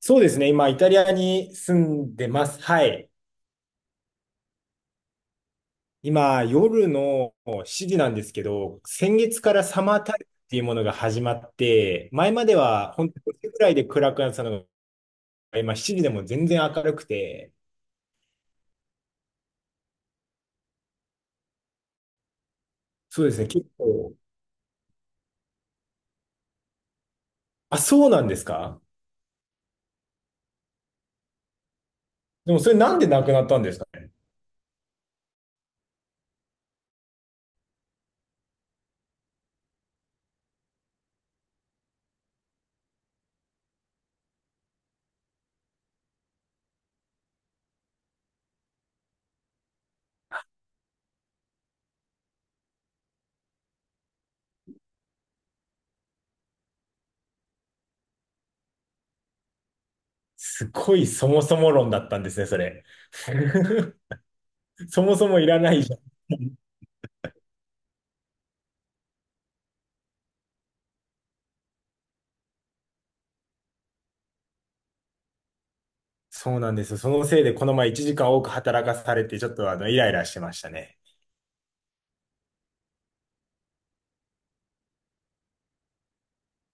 そうですね。今、イタリアに住んでます。はい。今、夜の7時なんですけど、先月からサマータイムっていうものが始まって、前までは本当に5時ぐらいで暗くなってたのが、今7時でも全然明るくて、そうですね。結構、あ、そうなんですか？でもそれなんでなくなったんですかね？すごいそもそも論だったんですね、それ。そもそもいらないじゃん。そうなんですよ。そのせいでこの前1時間多く働かされて、ちょっとイライラしてましたね。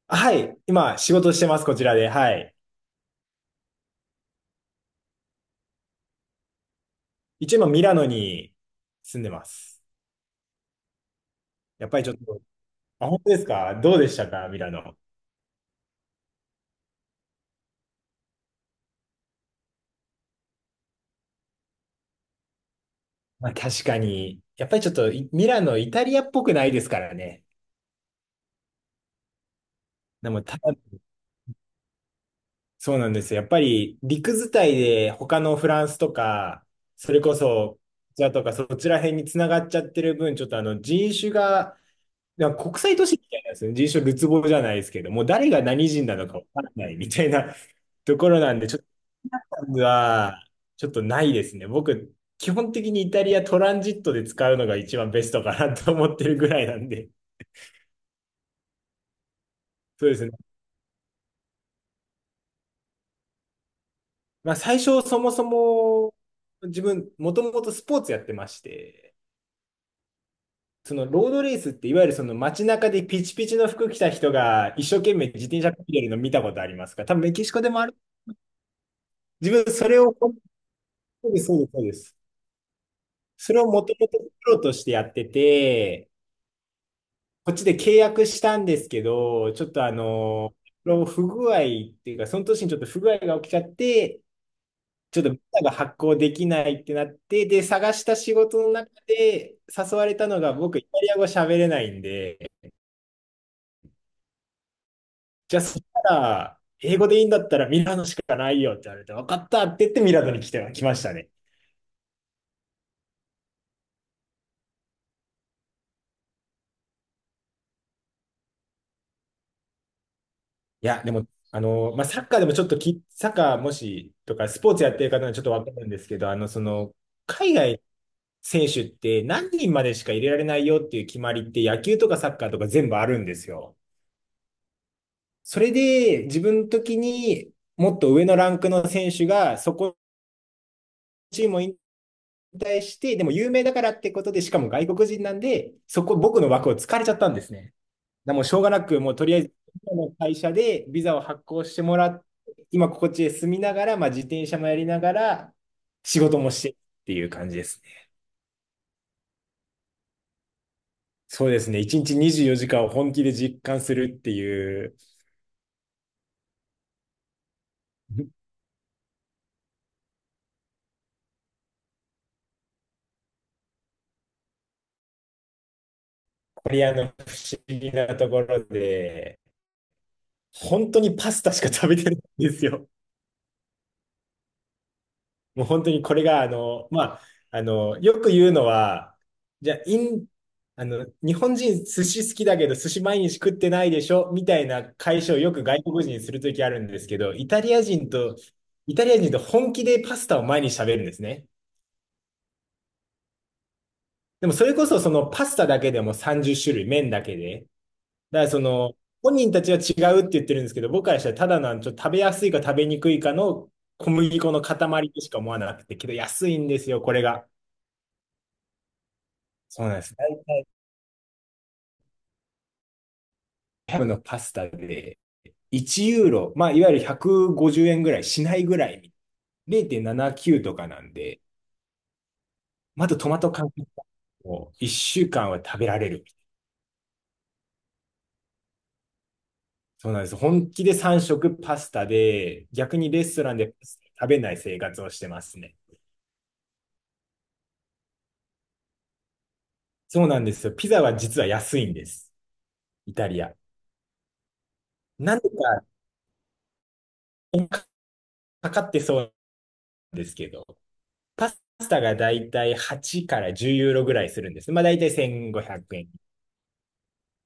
はい。今、仕事してます、こちらで。はい。一応今、ミラノに住んでます。やっぱりちょっと、あ、本当ですか？どうでしたかミラノ。まあ、確かに。やっぱりちょっと、いミラノ、イタリアっぽくないですからね。でも、ただ、そうなんですよ。やっぱり、陸伝いで、他のフランスとか、それこそ、こちらとか、そちら辺に繋がっちゃってる分、ちょっと人種が、なんか国際都市みたいなんですよね。人種るつぼじゃないですけど、もう誰が何人なのかわからないみたいな。ところなんで、ちょっとは、ちょっとないですね。僕、基本的にイタリアトランジットで使うのが一番ベストかなと思ってるぐらいなんで。そうですね。まあ、最初、そもそも、自分、もともとスポーツやってまして、そのロードレースって、いわゆるその街中でピチピチの服着た人が一生懸命自転車こいでるの見たことありますか？多分メキシコでもある。自分、それを、そうです、そうです、そうです。それをもともとプロとしてやってて、こっちで契約したんですけど、ちょっと不具合っていうか、その年にちょっと不具合が起きちゃって、ちょっとビザが発行できないってなって、で、探した仕事の中で誘われたのが、僕、イタリア語喋れないんで、じゃあそしたら、英語でいいんだったらミラノしかないよって言われて、分かったって言ってミラノに来て、来ましたね。いや、でも、まあ、サッカーでもちょっとき、サッカーもしとか、スポーツやってる方はちょっと分かるんですけど、海外選手って何人までしか入れられないよっていう決まりって野球とかサッカーとか全部あるんですよ。それで自分の時にもっと上のランクの選手がそこのチームを引退して、でも有名だからってことで、しかも外国人なんで、そこ僕の枠を突かれちゃったんですね。でもうしょうがなく、もうとりあえず今の会社でビザを発行してもらって、今こっちで住みながら、まあ、自転車もやりながら仕事もしてっていう感じですね。そうですね。一日24時間を本気で実感するっていう、コリアの不思議なところで、本当にパスタしか食べてないんですよ。もう本当にこれが、よく言うのは、じゃあ、イン、あの、日本人寿司好きだけど寿司毎日食ってないでしょみたいな会社をよく外国人にするときあるんですけど、イタリア人と本気でパスタを毎日食べるんですね。でもそれこそそのパスタだけでも30種類、麺だけで。だからその、本人たちは違うって言ってるんですけど、僕からしたらただなん、ちょっと食べやすいか食べにくいかの小麦粉の塊としか思わなくて、けど安いんですよ、これが。そうなんですね。大ブのパスタで1ユーロ、まあ、いわゆる150円ぐらいしないぐらい、0.79とかなんで、またトマト缶を1週間は食べられる。そうなんです。本気で3食パスタで、逆にレストランでパスタ食べない生活をしてますね。そうなんですよ。ピザは実は安いんです。イタリア。なんでか、かかってそうですけど、パスタがだいたい8から10ユーロぐらいするんです。まあだいたい1500円。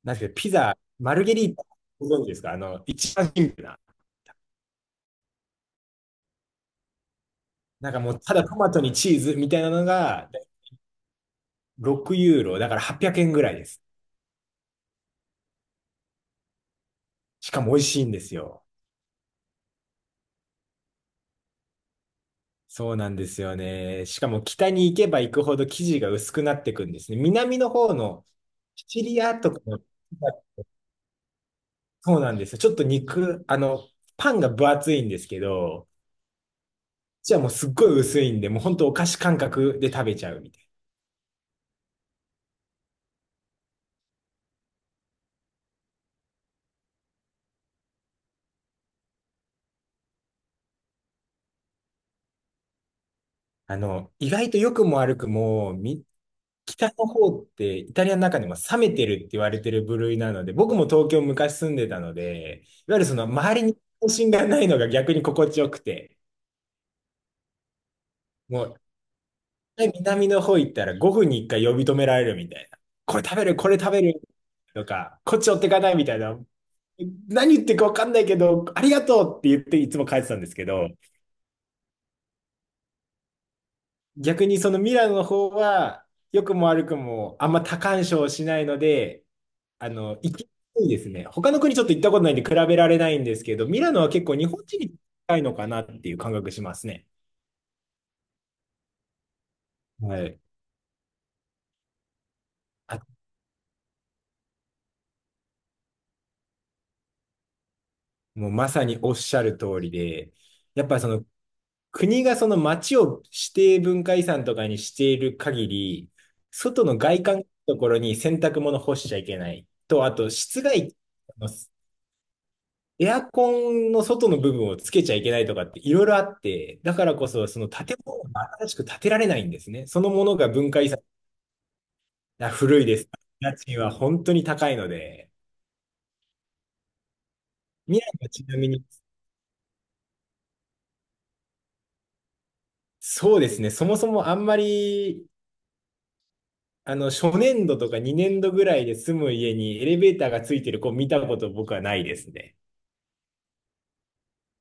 なんですけど、ピザ、マルゲリータ、ご存知ですか？あの、一番シンプルな。なんかもう、ただトマトにチーズみたいなのが6ユーロ、だから800円ぐらいです。しかも美味しいんですよ。そうなんですよね。しかも北に行けば行くほど生地が薄くなっていくんですね。南の方のシチリアとかのそうなんですよ。ちょっと肉、パンが分厚いんですけど、じゃあもうすっごい薄いんで、もうほんとお菓子感覚で食べちゃうみたいな。意外と良くも悪くも、み、北の方ってイタリアの中でも冷めてるって言われてる部類なので、僕も東京昔住んでたので、いわゆるその周りに関心がないのが逆に心地よくて、もう南の方行ったら5分に1回呼び止められるみたいな。これ食べる、これ食べるとか、こっち寄ってかないみたいな何言ってるか分かんないけど、ありがとうって言っていつも帰ってたんですけど、逆にそのミラノの方は、良くも悪くもあんま多干渉しないので、行きやすいですね。他の国ちょっと行ったことないんで比べられないんですけど、ミラノは結構日本人に近いのかなっていう感覚しますね。はい。あ、もうまさにおっしゃる通りで、やっぱその国がその町を指定文化遺産とかにしている限り、外の外観のところに洗濯物干しちゃいけない。と、あと、室外機のエアコンの外の部分をつけちゃいけないとかっていろいろあって、だからこそその建物が新しく建てられないんですね。そのものが文化遺産、あ古いです。家賃は本当に高いので、未来はちなみに、そうですね、そもそもあんまり初年度とか2年度ぐらいで住む家にエレベーターがついてる子見たこと僕はないですね。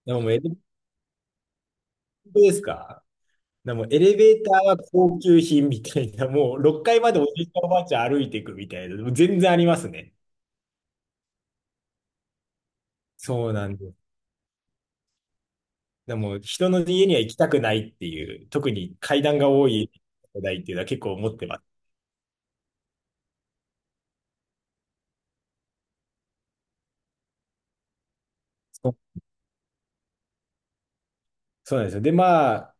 でももうエレベーターですか？でもエレベーターは高級品みたいな、もう6階までおじいちゃんおばあちゃん歩いていくみたいな、もう全然ありますね。そうなんです。でも人の家には行きたくないっていう、特に階段が多い世代っていうのは結構思ってます。そうなんですよ。で、まあ、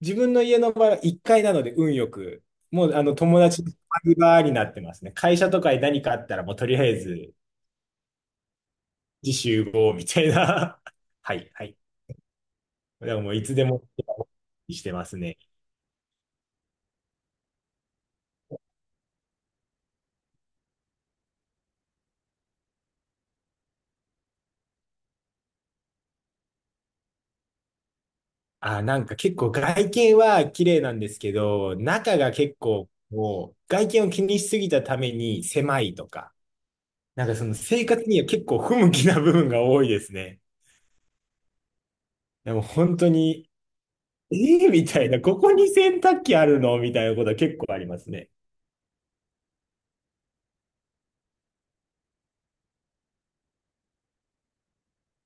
自分の家の場合は1階なので運よく、もうあの友達のバ場になってますね。会社とかに何かあったら、もうとりあえず、自習合みたいな。はい、はい。だからもういつでもしてますね。あ、なんか結構外見は綺麗なんですけど、中が結構もう外見を気にしすぎたために狭いとか、なんかその生活には結構不向きな部分が多いですね。でも本当に、ええみたいな、ここに洗濯機あるのみたいなことは結構ありますね。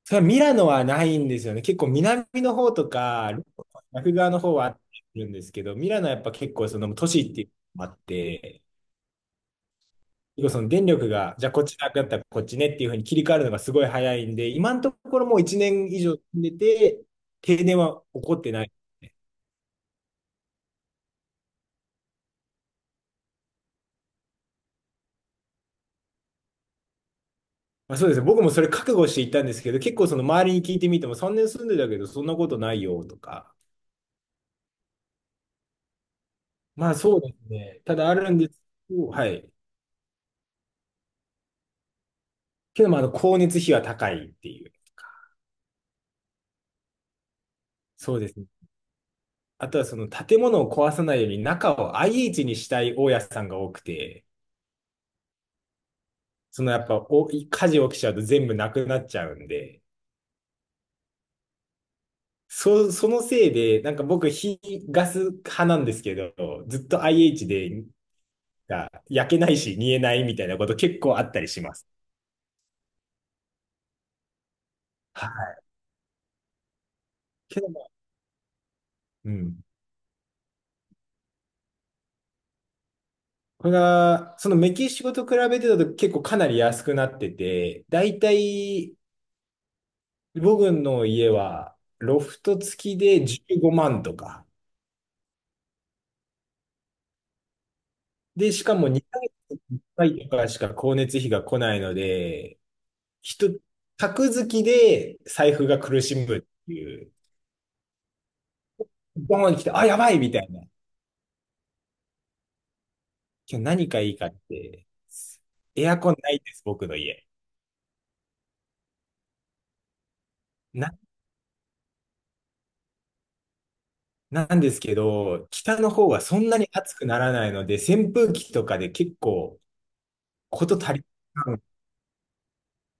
それはミラノはないんですよね。結構南の方とか、ラフ側の方はあるんですけど、ミラノはやっぱ結構その都市っていうのもあって、結構その電力が、じゃあこっちなくなったらこっちねっていうふうに切り替わるのがすごい早いんで、今のところもう1年以上住んでて、停電は起こってない。まあ、そうですね。僕もそれ覚悟していったんですけど、結構その周りに聞いてみても、3年住んでたけど、そんなことないよとか。まあそうですね。ただあるんですけど、はい。けど、まあ、光熱費は高いっていう。そうですね。あとはその建物を壊さないように中を IH にしたい大家さんが多くて、そのやっぱお火事起きちゃうと全部なくなっちゃうんで、そのせいで、なんか僕、火、ガス派なんですけど、ずっと IH で、が焼けないし、煮えないみたいなこと結構あったりします。はい。けどまあ、うん。これが、そのメキシコと比べてだと結構かなり安くなってて、だいたい僕の家はロフト付きで15万とか。で、しかも2ヶ月に1回とかしか光熱費が来ないので、人、宅付きで財布が苦しむっていう。ボーンに来て、あ、やばいみたいな。今日何かいいかって。エアコンないんです、僕の家。ななんですけど、北の方はそんなに暑くならないので、扇風機とかで結構こと足りない。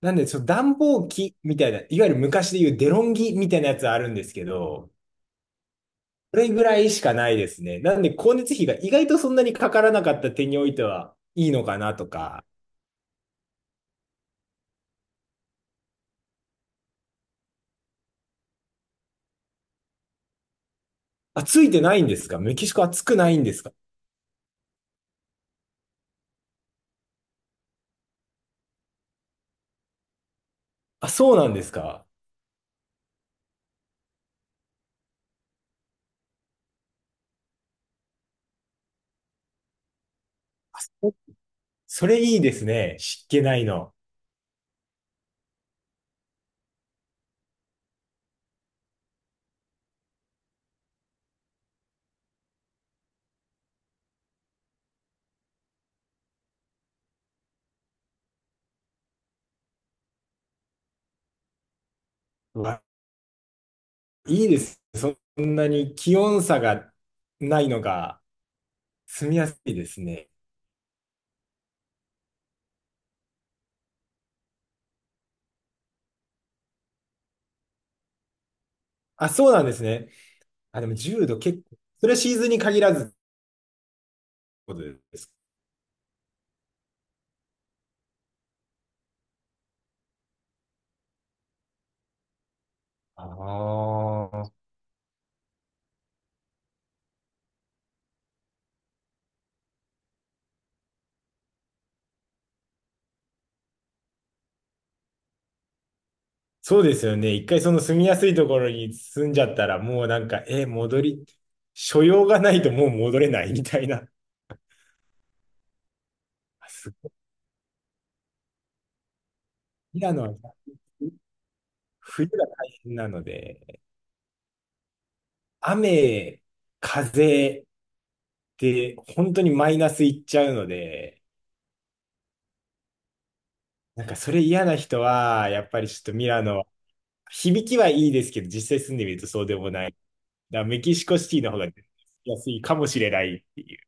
なんで、その暖房機みたいな、いわゆる昔で言うデロンギみたいなやつあるんですけど、それぐらいしかないですね。なんで、光熱費が意外とそんなにかからなかった点においてはいいのかなとか。あ、ついてないんですか？メキシコ暑くないんですか？あ、そうなんですか？お、それいいですね。湿気ないの。うわ、いいです。そんなに気温差がないのが。住みやすいですね。あ、そうなんですね。あ、でも10度結構、それはシーズンに限らずってことですか。ああ、そうですよね。一回その住みやすいところに住んじゃったら、もうなんか、え、戻り、所用がないともう戻れないみたいな。あ、すごい。ミラノは冬が大変なので、雨、風で本当にマイナスいっちゃうので、なんかそれ嫌な人は、やっぱりちょっとミラノ、響きはいいですけど、実際住んでみるとそうでもない。だからメキシコシティの方が安いかもしれないっていう。